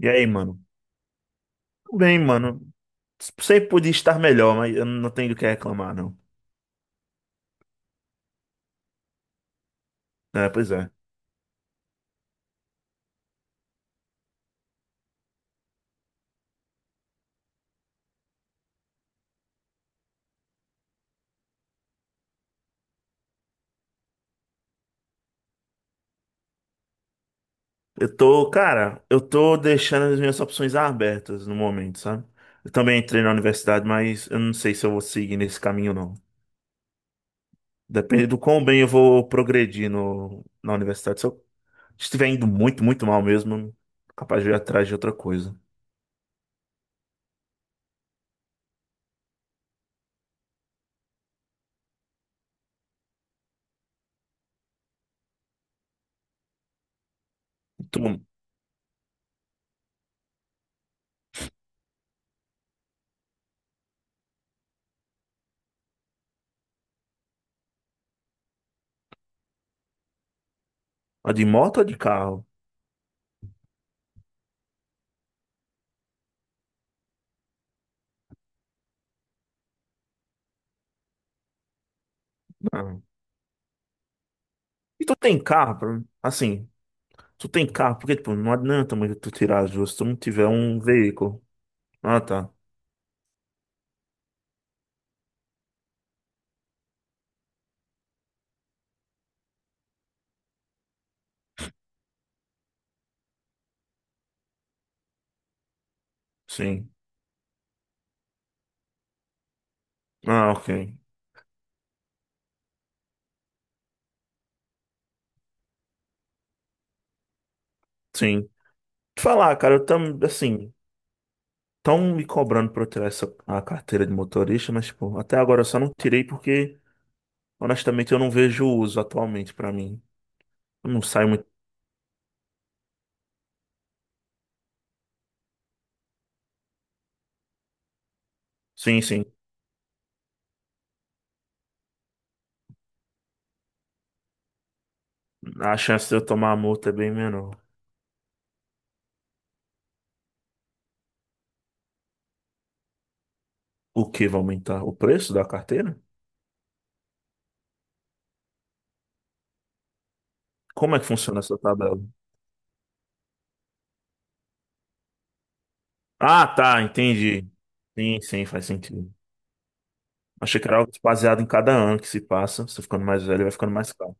E aí, mano? Tudo bem, mano. Sempre podia estar melhor, mas eu não tenho do que reclamar, não. É, pois é. Eu tô, cara, eu tô deixando as minhas opções abertas no momento, sabe? Eu também entrei na universidade, mas eu não sei se eu vou seguir nesse caminho, não. Depende do quão bem eu vou progredir na universidade. Se eu estiver indo muito, muito mal mesmo, capaz de eu ir atrás de outra coisa. E tu, a de moto ou de carro? Não. E tu tem carro? Assim. Tu tem carro, porque, tipo, não adianta muito tu tirar as duas se tu não tiver um veículo. Ah, tá. Sim. Ah, ok. Sim. Te falar, cara, assim, tão me cobrando pra eu tirar a carteira de motorista, mas, tipo, até agora eu só não tirei porque, honestamente, eu não vejo o uso atualmente pra mim. Eu não saio muito. Sim, sim. A chance de eu tomar a multa é bem menor. O que vai aumentar? O preço da carteira? Como é que funciona essa tabela? Ah, tá, entendi. Sim, sim, faz sentido. Achei que era algo baseado em cada ano que se passa. Você ficando mais velho, vai ficando mais caro.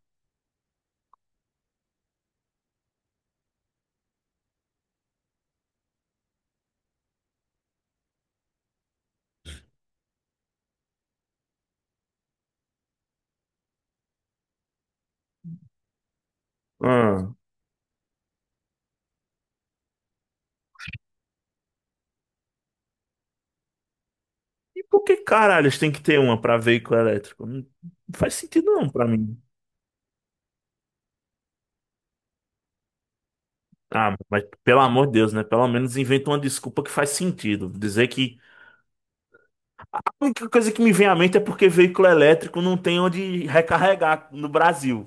Ah, e por que caralho eles têm que ter uma pra veículo elétrico? Não, não faz sentido não pra mim. Ah, mas pelo amor de Deus, né? Pelo menos inventa uma desculpa que faz sentido. Dizer que a única coisa que me vem à mente é porque veículo elétrico não tem onde recarregar no Brasil,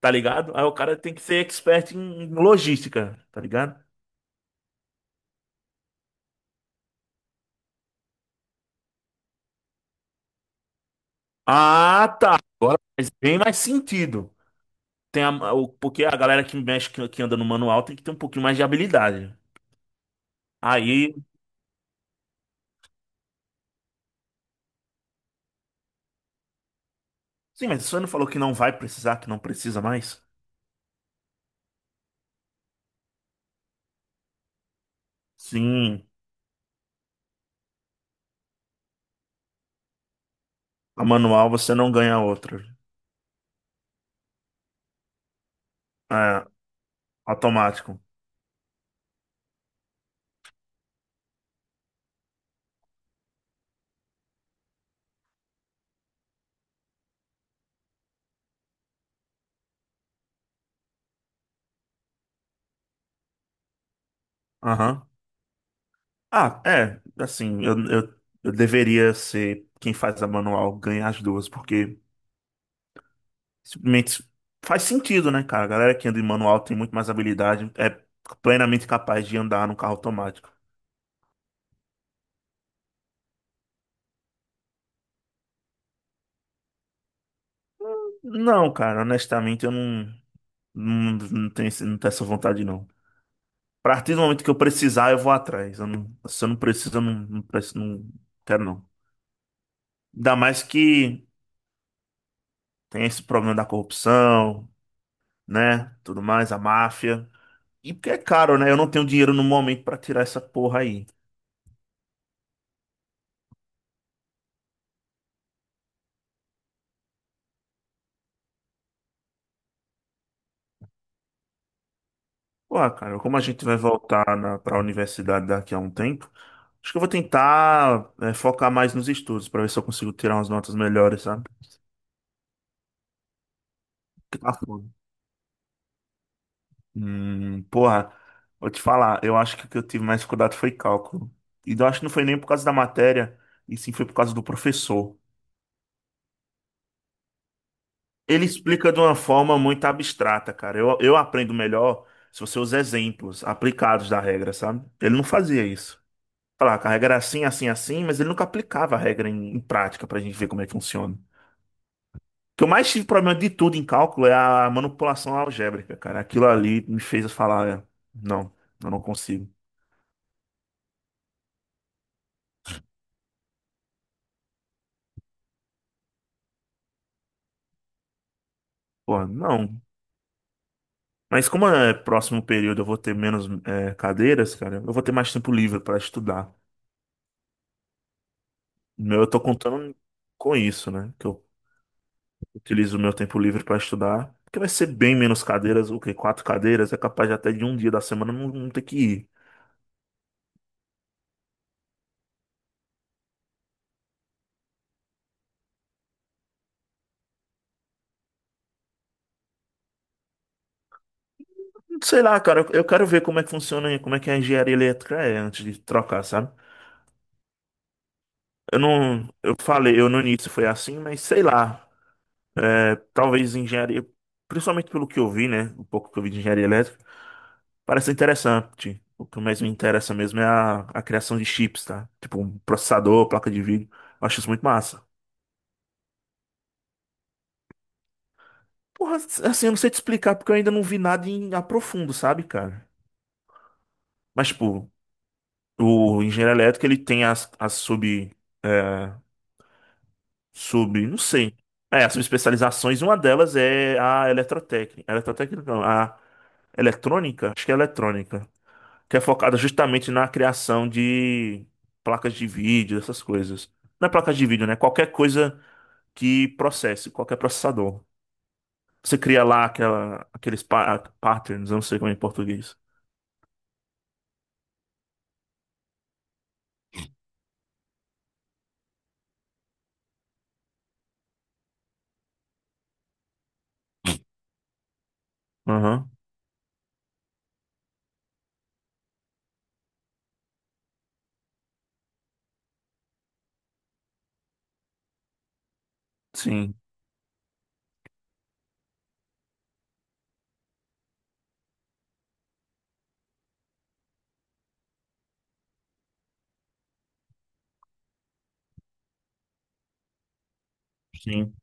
tá ligado? Aí o cara tem que ser expert em logística, tá ligado? Ah, tá. Agora faz bem mais sentido. Porque a galera que mexe, que anda no manual tem que ter um pouquinho mais de habilidade. Aí, sim, mas você não falou que não vai precisar, que não precisa mais? Sim, a manual você não ganha outra. É, automático. Aham. Ah, é, assim, eu deveria ser quem faz a manual ganhar as duas, porque simplesmente faz sentido, né, cara? A galera que anda em manual tem muito mais habilidade, é plenamente capaz de andar no carro automático. Não, cara, honestamente, eu não. Não, não tem, não tem essa vontade, não. A partir do momento que eu precisar, eu vou atrás. Eu não- se eu não preciso, eu não, não, não quero, não. Ainda mais que tem esse problema da corrupção, né? Tudo mais, a máfia. E porque é caro, né? Eu não tenho dinheiro no momento pra tirar essa porra aí. Pô, cara, como a gente vai voltar pra universidade daqui a um tempo, acho que eu vou tentar, é, focar mais nos estudos pra ver se eu consigo tirar umas notas melhores, sabe? Porque tá foda. Porra, vou te falar, eu acho que o que eu tive mais dificuldade foi cálculo. E eu acho que não foi nem por causa da matéria, e sim foi por causa do professor. Ele explica de uma forma muito abstrata, cara. Eu aprendo melhor se você usa exemplos aplicados da regra, sabe? Ele não fazia isso. Falar que a regra era assim, assim, assim, mas ele nunca aplicava a regra em prática pra gente ver como é que funciona. O que eu mais tive problema de tudo em cálculo é a manipulação algébrica, cara. Aquilo ali me fez falar, é, não, eu não consigo. Pô, não. Mas como é próximo período eu vou ter menos é, cadeiras, cara, eu vou ter mais tempo livre para estudar. Meu, eu tô contando com isso, né? Que eu utilizo o meu tempo livre para estudar, porque vai ser bem menos cadeiras, o quê? Quatro cadeiras, é capaz de até de um dia da semana não, não ter que ir. Sei lá, cara, eu quero ver como é que funciona, como é que é a engenharia elétrica é antes de trocar, sabe? Eu falei, eu no início foi assim, mas sei lá, é, talvez engenharia, principalmente pelo que eu vi, né? O pouco que eu vi de engenharia elétrica. Parece interessante. O que mais me interessa mesmo é a criação de chips, tá? Tipo, um processador, placa de vídeo. Eu acho isso muito massa. Porra, assim, eu não sei te explicar porque eu ainda não vi nada em a profundo, sabe, cara? Mas, tipo, o engenheiro elétrico, ele tem as sub... é, sub... não sei. É, as subespecializações. Uma delas é a eletrotécnica. Eletrotécnica, não. A eletrônica? Acho que é eletrônica. Que é focada justamente na criação de placas de vídeo, essas coisas. Não é placas de vídeo, né? Qualquer coisa que processe, qualquer processador. Você cria lá aquela, aqueles patterns, eu não sei como é em português. Aham. Sim, sim.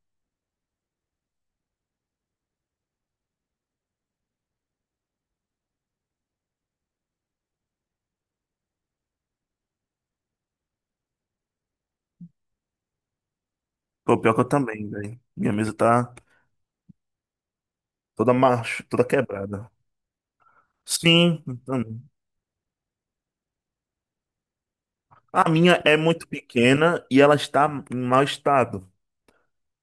Pô, pior que eu também, velho. Minha mesa tá toda marcha, toda quebrada. Sim, então, a minha é muito pequena e ela está em mau estado.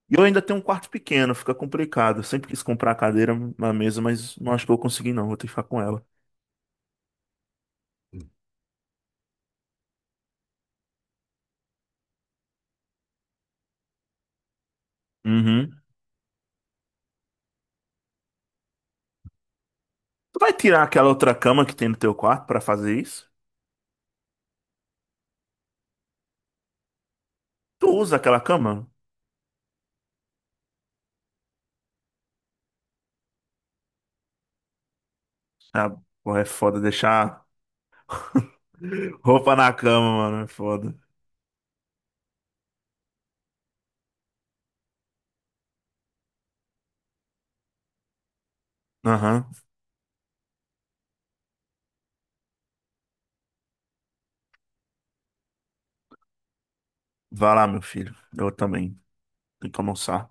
E eu ainda tenho um quarto pequeno, fica complicado. Eu sempre quis comprar a cadeira, uma mesa, mas não acho que eu vou conseguir, não. Vou ter que ficar com ela. Uhum. Tu vai tirar aquela outra cama que tem no teu quarto pra fazer isso? Tu usa aquela cama? Ah, porra, é foda deixar roupa na cama, mano. É foda. Aham. Vai lá, meu filho. Eu também. Tenho que almoçar.